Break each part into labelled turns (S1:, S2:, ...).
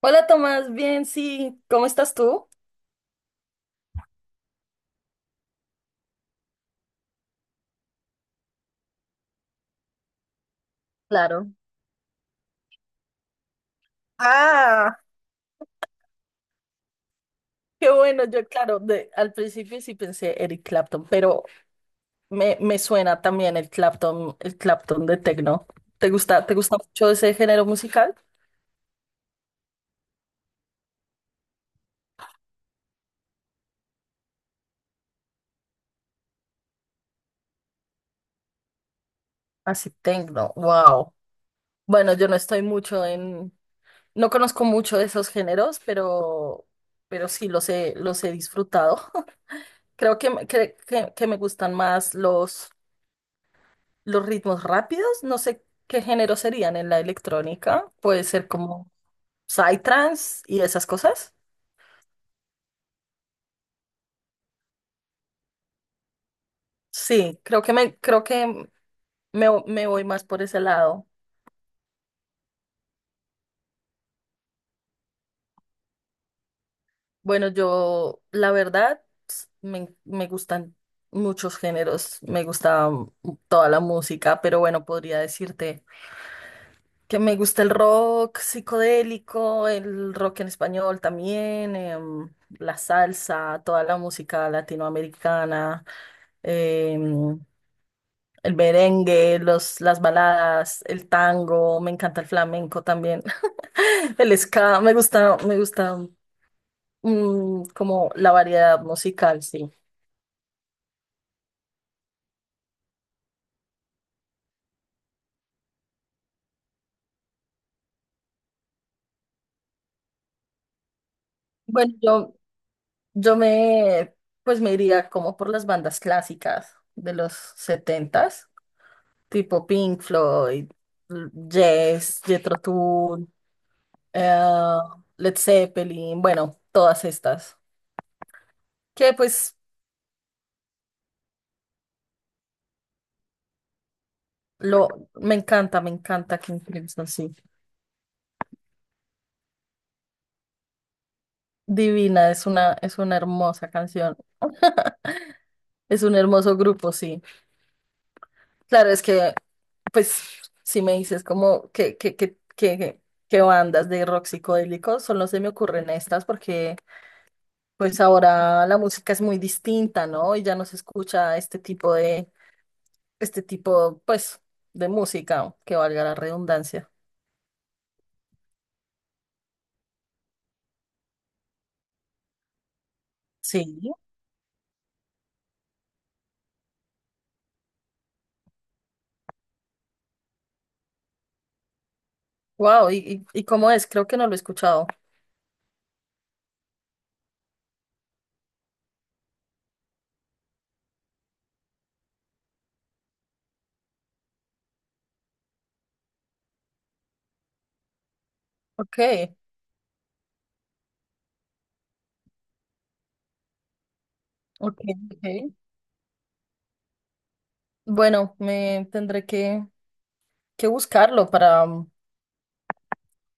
S1: Hola Tomás, bien, sí, ¿cómo estás tú? Claro. Ah, qué bueno, yo claro, de, al principio sí pensé Eric Clapton, pero me suena también el Clapton de techno. Te gusta mucho ese género musical? Así techno, wow. Bueno, yo no estoy mucho en, no conozco mucho de esos géneros, pero sí los he disfrutado. Creo que me gustan más los ritmos rápidos, no sé qué género serían en la electrónica. Puede ser como psytrance y esas cosas. Sí, creo que me, creo que me voy más por ese lado. Bueno, yo, la verdad, me gustan muchos géneros, me gusta toda la música, pero bueno, podría decirte que me gusta el rock psicodélico, el rock en español también, la salsa, toda la música latinoamericana. em, el merengue, los, las baladas, el tango, me encanta el flamenco también, el ska, me gusta, me gusta, como la variedad musical, sí. Bueno, yo, yo me, pues me iría como por las bandas clásicas de los 70, tipo Pink Floyd, Yes, Jethro Tull, eh, Led Zeppelin, bueno, todas estas. Que pues lo, me encanta King Crimson, sí. Divina, es una hermosa canción. Es un hermoso grupo, sí. Claro, es que, pues, si me dices como que bandas de rock psicodélico, solo se me ocurren estas porque, pues, ahora la música es muy distinta, ¿no? Y ya no se escucha este tipo de, este tipo, pues, de música, que valga la redundancia. Sí. Wow, ¿y, y cómo es? Creo que no lo he escuchado. Ok, ok, ok. Bueno, me tendré que buscarlo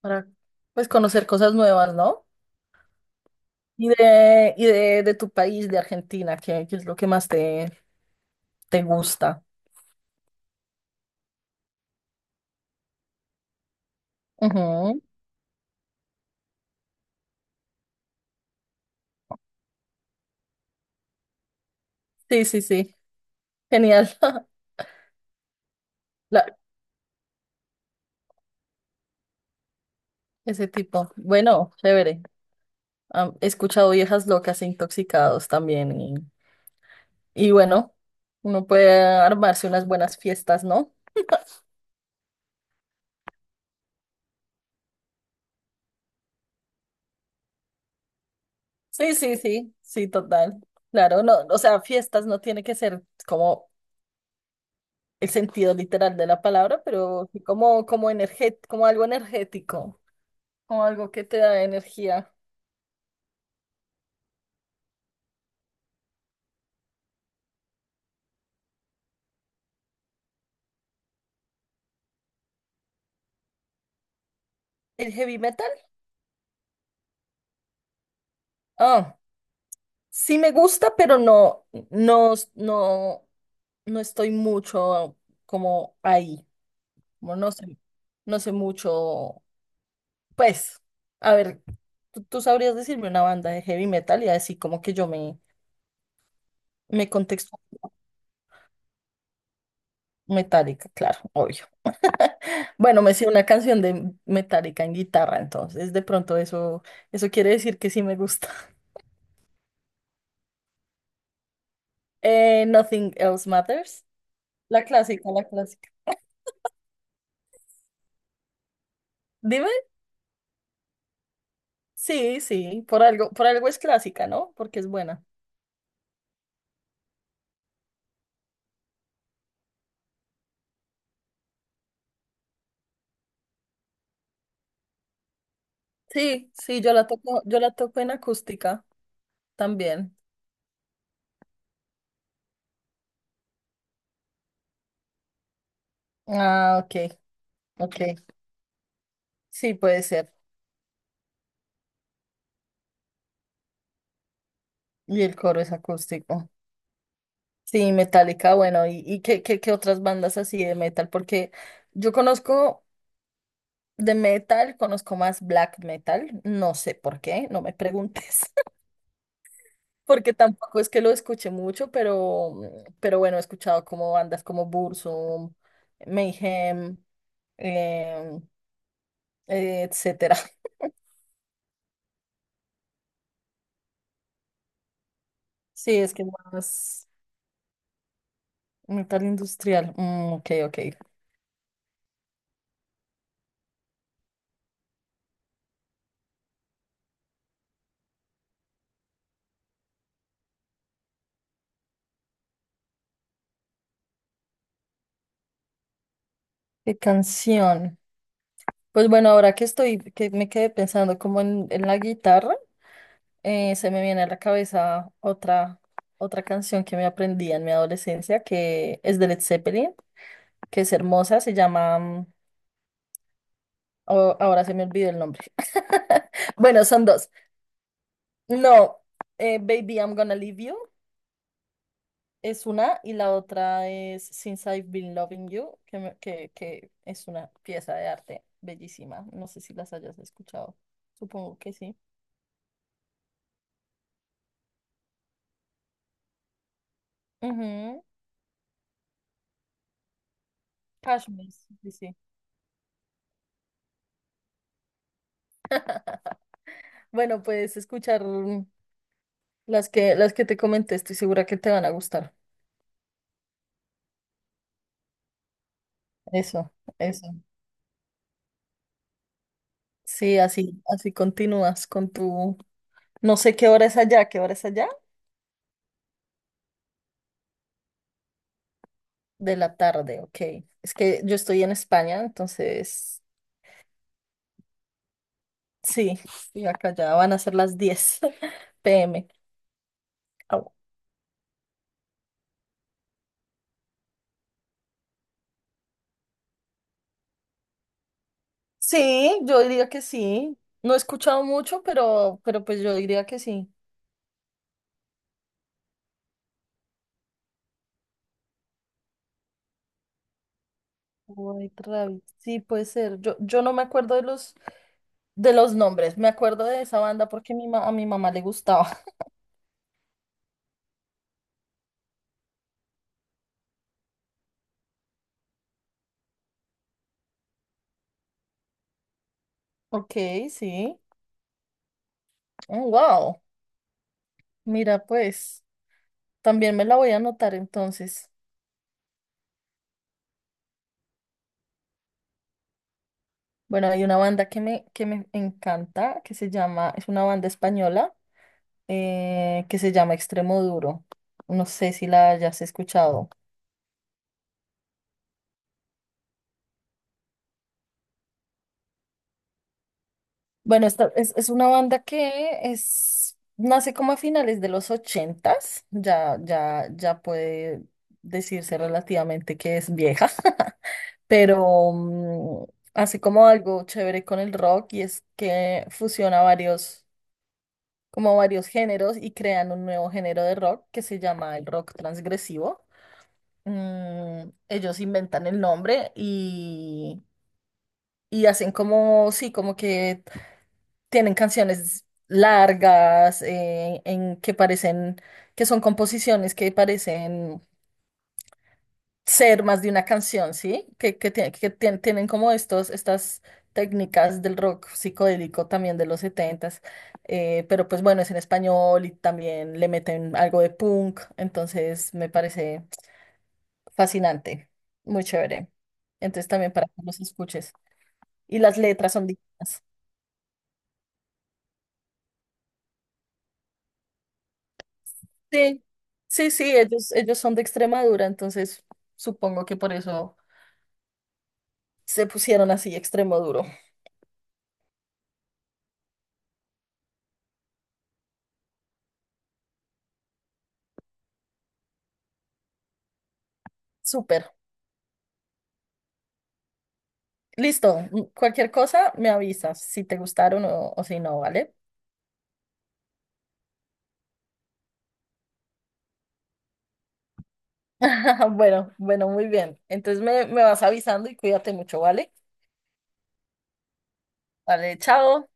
S1: para pues conocer cosas nuevas, ¿no? Y de tu país, de Argentina, ¿qué, qué es lo que más te, te gusta? Ujú. Sí, sí, sí. Genial. La- Ese tipo. Bueno, chévere. He escuchado Viejas Locas e Intoxicados también. Y bueno, uno puede armarse unas buenas fiestas, ¿no? Sí, sí, sí, sí, total. Claro, no, o sea, fiestas no tiene que ser como el sentido literal de la palabra, pero sí como, como algo energético, como algo que te da energía. ¿El heavy metal? Ah, sí me gusta, pero no, no, no, no estoy mucho como ahí. Como no sé, no sé mucho. Pues, a ver, ¿tú, tú sabrías decirme una banda de heavy metal y así como que yo me, me Metallica, claro, obvio. Bueno, me sé una canción de Metallica en guitarra, entonces de pronto eso, eso quiere decir que sí me gusta. Nothing Else Matters, la clásica, la clásica. Dime, sí, sí, por algo es clásica, ¿no? Porque es buena. Sí, sí, yo la toco en acústica también. Ah, ok, ok. Sí, puede ser. Y el coro es acústico. Sí, Metallica, bueno, y qué, qué, qué otras bandas así de metal? Porque yo conozco. De metal conozco más black metal, no sé por qué, no me preguntes, porque tampoco es que lo escuche mucho, pero bueno, he escuchado como bandas como Burzum, Mayhem, em, etcétera. Sí, es que más metal industrial. Mm, ok, ok. ¿Qué canción? Pues bueno, ahora que estoy, que me quedé pensando como en la guitarra. Se me viene a la cabeza otra, otra canción que me aprendí en mi adolescencia, que es de Led Zeppelin, que es hermosa, se llama oh, ahora se me olvidó el nombre. Bueno, son dos. No, Baby, I'm Gonna Leave You es una y la otra es Since I've Been Loving You, que es una pieza de arte bellísima. No sé si las hayas escuchado. Supongo que sí. Ujú. Cashmere, sí, sí. Bueno, puedes escuchar las que, las que te comenté, estoy segura que te van a gustar. Eso, eso. Sí, así, así continúas con tu... No sé qué hora es allá, ¿qué hora es allá? De la tarde, ok. Es que yo estoy en España, entonces, sí, y acá ya van a ser las 10 pm. Au. Sí, yo diría que sí. No he escuchado mucho, pero pues yo diría que sí. White Rabbit, sí, puede ser. Yo no me acuerdo de los nombres, me acuerdo de esa banda porque a mi mamá le gustaba. Ok, sí. Oh, wow. Mira, pues, también me la voy a anotar entonces. Bueno, hay una banda que me encanta, que se llama, es una banda española, que se llama Extremoduro. No sé si la hayas escuchado. Bueno, esta, es una banda que es, nace como a finales de los 80, ya, ya, ya puede decirse relativamente que es vieja. Pero así como algo chévere con el rock y es que fusiona varios, como varios géneros y crean un nuevo género de rock que se llama el rock transgresivo. Mm, ellos inventan el nombre y hacen como, sí, como que tienen canciones largas en que parecen, que son composiciones que parecen ser más de una canción, ¿sí? Que, tie- que tien- tienen como estos, estas técnicas del rock psicodélico también de los 70, pero pues bueno, es en español y también le meten algo de punk, entonces me parece fascinante, muy chévere. Entonces también para que los escuches. Y las letras son dignas. Sí, sí, sí, ellos son de Extremadura, entonces supongo que por eso se pusieron así extremo duro. Súper. Listo, cualquier cosa me avisas si te gustaron o si no, ¿vale? Bueno, bueno, muy bien. Entonces me vas avisando y cuídate mucho, ¿vale? Vale, chao.